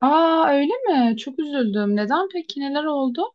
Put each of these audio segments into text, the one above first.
Aa, öyle mi? Çok üzüldüm. Neden peki? Neler oldu?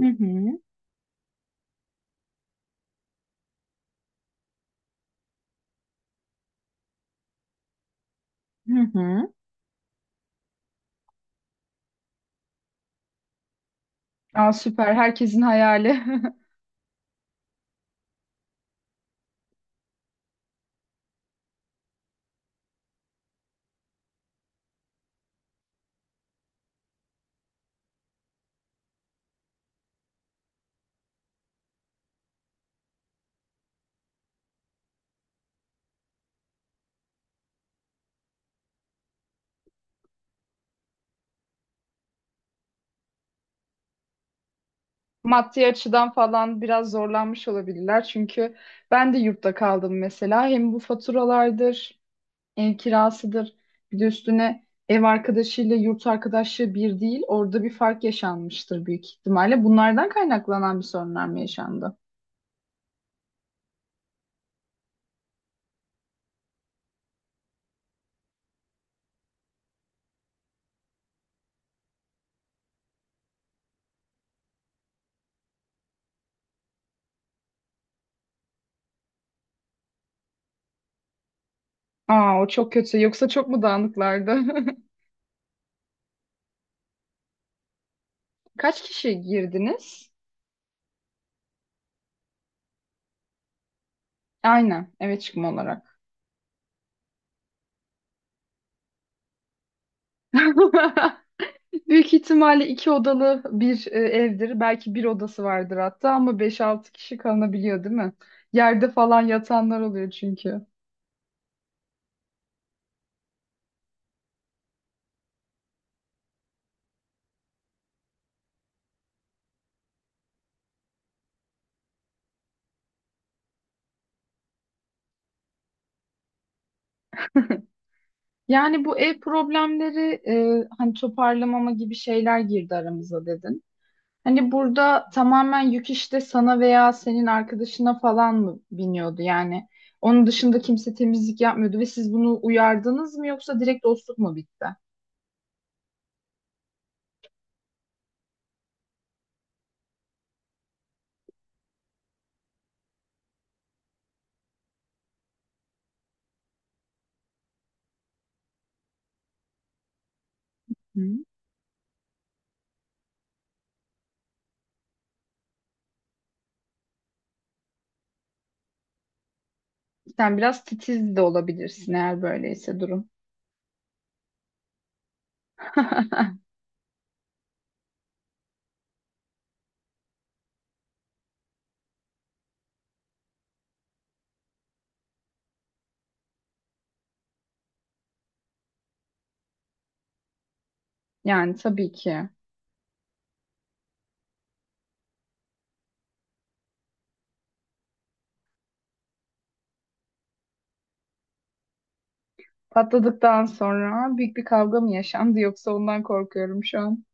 Hı hı, hı hı. Aa, süper. Herkesin hayali. Maddi açıdan falan biraz zorlanmış olabilirler. Çünkü ben de yurtta kaldım mesela. Hem bu faturalardır, ev kirasıdır. Bir de üstüne ev arkadaşıyla yurt arkadaşı bir değil. Orada bir fark yaşanmıştır büyük ihtimalle. Bunlardan kaynaklanan bir sorunlar mı yaşandı? Aa, o çok kötü. Yoksa çok mu dağınıklardı? Kaç kişi girdiniz? Aynen eve çıkma olarak. Büyük ihtimalle iki odalı bir evdir. Belki bir odası vardır hatta ama beş altı kişi kalınabiliyor değil mi? Yerde falan yatanlar oluyor çünkü. Yani bu ev problemleri hani toparlamama gibi şeyler girdi aramıza dedin. Hani burada tamamen yük işte sana veya senin arkadaşına falan mı biniyordu yani? Onun dışında kimse temizlik yapmıyordu ve siz bunu uyardınız mı yoksa direkt dostluk mu bitti? Hı. Sen biraz titiz de olabilirsin eğer böyleyse durum. Yani tabii ki. Patladıktan sonra büyük bir kavga mı yaşandı yoksa ondan korkuyorum şu an.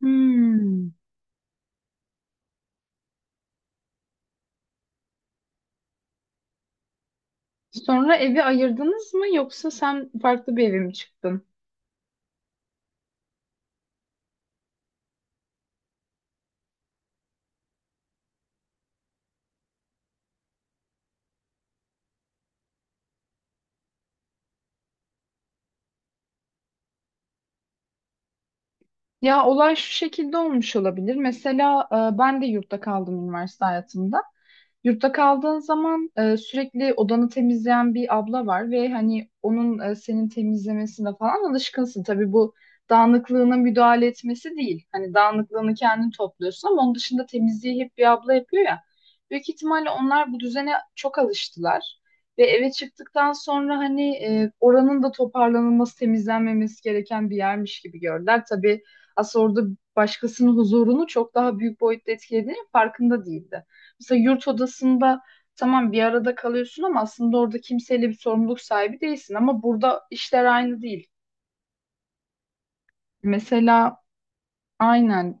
Hmm. Sonra evi ayırdınız mı yoksa sen farklı bir eve mi çıktın? Ya olay şu şekilde olmuş olabilir. Mesela ben de yurtta kaldım üniversite hayatımda. Yurtta kaldığın zaman sürekli odanı temizleyen bir abla var ve hani onun senin temizlemesine falan alışkınsın. Tabii bu dağınıklığına müdahale etmesi değil. Hani dağınıklığını kendin topluyorsun ama onun dışında temizliği hep bir abla yapıyor ya. Büyük ihtimalle onlar bu düzene çok alıştılar. Ve eve çıktıktan sonra hani oranın da toparlanılması, temizlenmemesi gereken bir yermiş gibi gördüler. Tabii aslında orada başkasının huzurunu çok daha büyük boyutta etkilediğinin farkında değildi. Mesela yurt odasında tamam bir arada kalıyorsun ama aslında orada kimseyle bir sorumluluk sahibi değilsin ama burada işler aynı değil. Mesela aynen.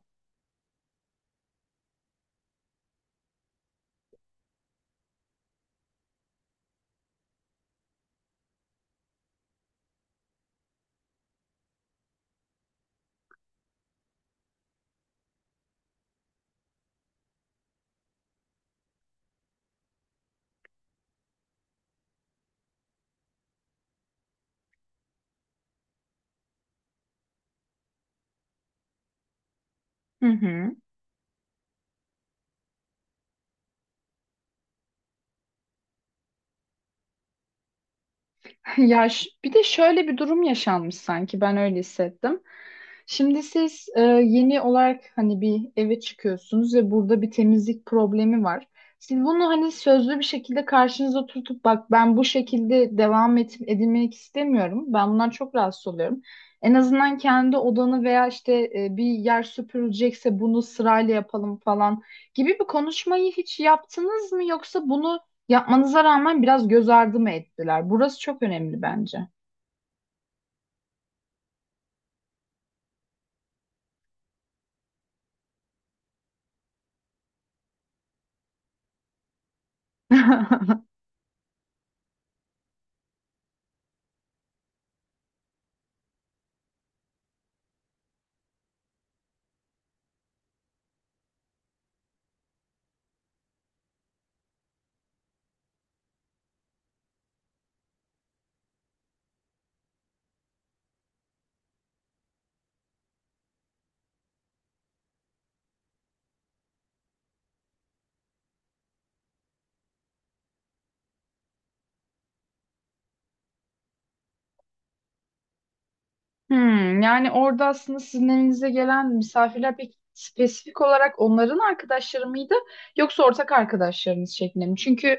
Hı hı. Ya bir de şöyle bir durum yaşanmış sanki, ben öyle hissettim. Şimdi siz yeni olarak hani bir eve çıkıyorsunuz ve burada bir temizlik problemi var. Siz bunu hani sözlü bir şekilde karşınıza oturtup bak ben bu şekilde edilmek istemiyorum. Ben bundan çok rahatsız oluyorum. En azından kendi odanı veya işte bir yer süpürülecekse bunu sırayla yapalım falan gibi bir konuşmayı hiç yaptınız mı? Yoksa bunu yapmanıza rağmen biraz göz ardı mı ettiler? Burası çok önemli bence. Hmm, yani orada aslında sizin evinize gelen misafirler pek spesifik olarak onların arkadaşları mıydı yoksa ortak arkadaşlarınız şeklinde mi? Çünkü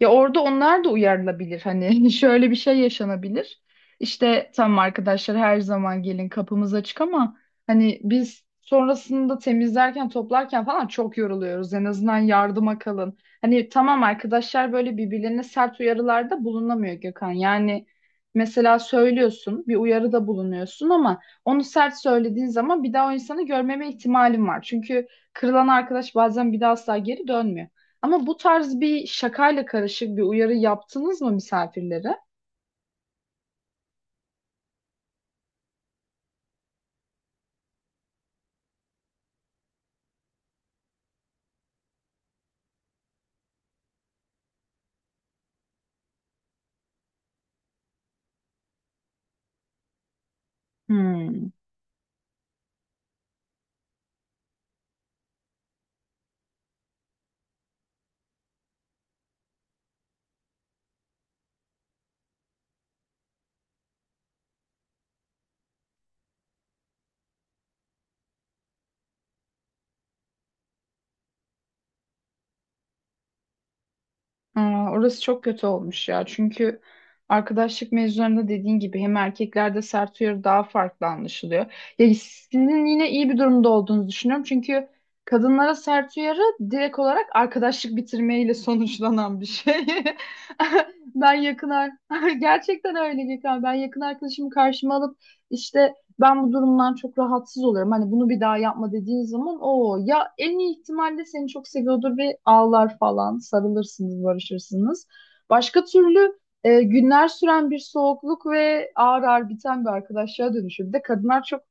ya orada onlar da uyarılabilir hani şöyle bir şey yaşanabilir. İşte tamam arkadaşlar, her zaman gelin, kapımız açık ama hani biz sonrasında temizlerken toplarken falan çok yoruluyoruz. En azından yardıma kalın. Hani tamam, arkadaşlar böyle birbirlerine sert uyarılarda bulunamıyor Gökhan. Yani mesela söylüyorsun, bir uyarıda bulunuyorsun ama onu sert söylediğin zaman bir daha o insanı görmeme ihtimalin var. Çünkü kırılan arkadaş bazen bir daha asla geri dönmüyor. Ama bu tarz bir şakayla karışık bir uyarı yaptınız mı misafirlere? Hmm. Aa, orası çok kötü olmuş ya. Çünkü arkadaşlık mevzularında dediğin gibi hem erkeklerde sert uyarı daha farklı anlaşılıyor. Ya sizin yine iyi bir durumda olduğunuzu düşünüyorum. Çünkü kadınlara sert uyarı direkt olarak arkadaşlık bitirmeyle sonuçlanan bir şey. Ben gerçekten öyle Gökhan. Ben yakın arkadaşımı karşıma alıp işte ben bu durumdan çok rahatsız oluyorum. Hani bunu bir daha yapma dediğin zaman o ya en iyi ihtimalle seni çok seviyordur ve ağlar falan, sarılırsınız, barışırsınız. Başka türlü günler süren bir soğukluk ve ağır ağır biten bir arkadaşlığa dönüşüyor. Bir de kadınlar çok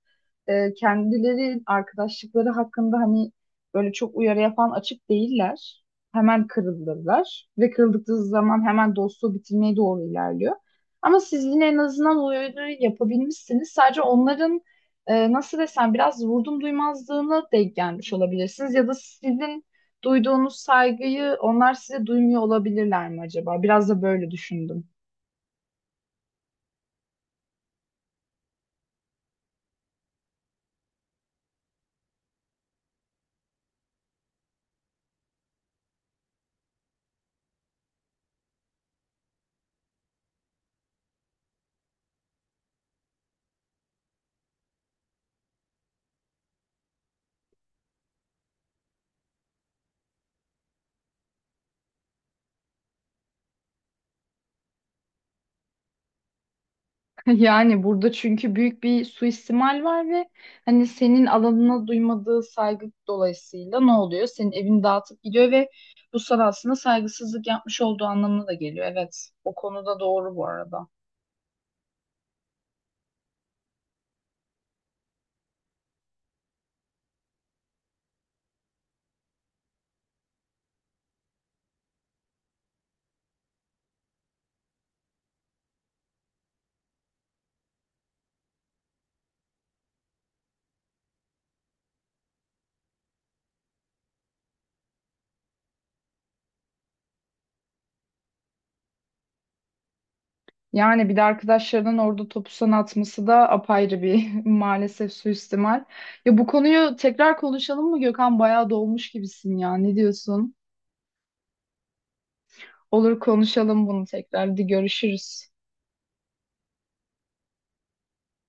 kendileri arkadaşlıkları hakkında hani böyle çok uyarı yapan açık değiller. Hemen kırılırlar ve kırıldıkları zaman hemen dostluğu bitirmeye doğru ilerliyor. Ama siz yine en azından o öğünü yapabilmişsiniz. Sadece onların nasıl desem biraz vurdum duymazlığına denk gelmiş olabilirsiniz. Ya da sizin duyduğunuz saygıyı onlar size duymuyor olabilirler mi acaba? Biraz da böyle düşündüm. Yani burada çünkü büyük bir suistimal var ve hani senin alanına duymadığı saygı dolayısıyla ne oluyor? Senin evini dağıtıp gidiyor ve bu sana aslında saygısızlık yapmış olduğu anlamına da geliyor. Evet, o konuda doğru bu arada. Yani bir de arkadaşlarının orada topu sana atması da apayrı bir maalesef suistimal. Ya bu konuyu tekrar konuşalım mı Gökhan? Bayağı dolmuş gibisin ya. Ne diyorsun? Olur, konuşalım bunu tekrar. Hadi görüşürüz.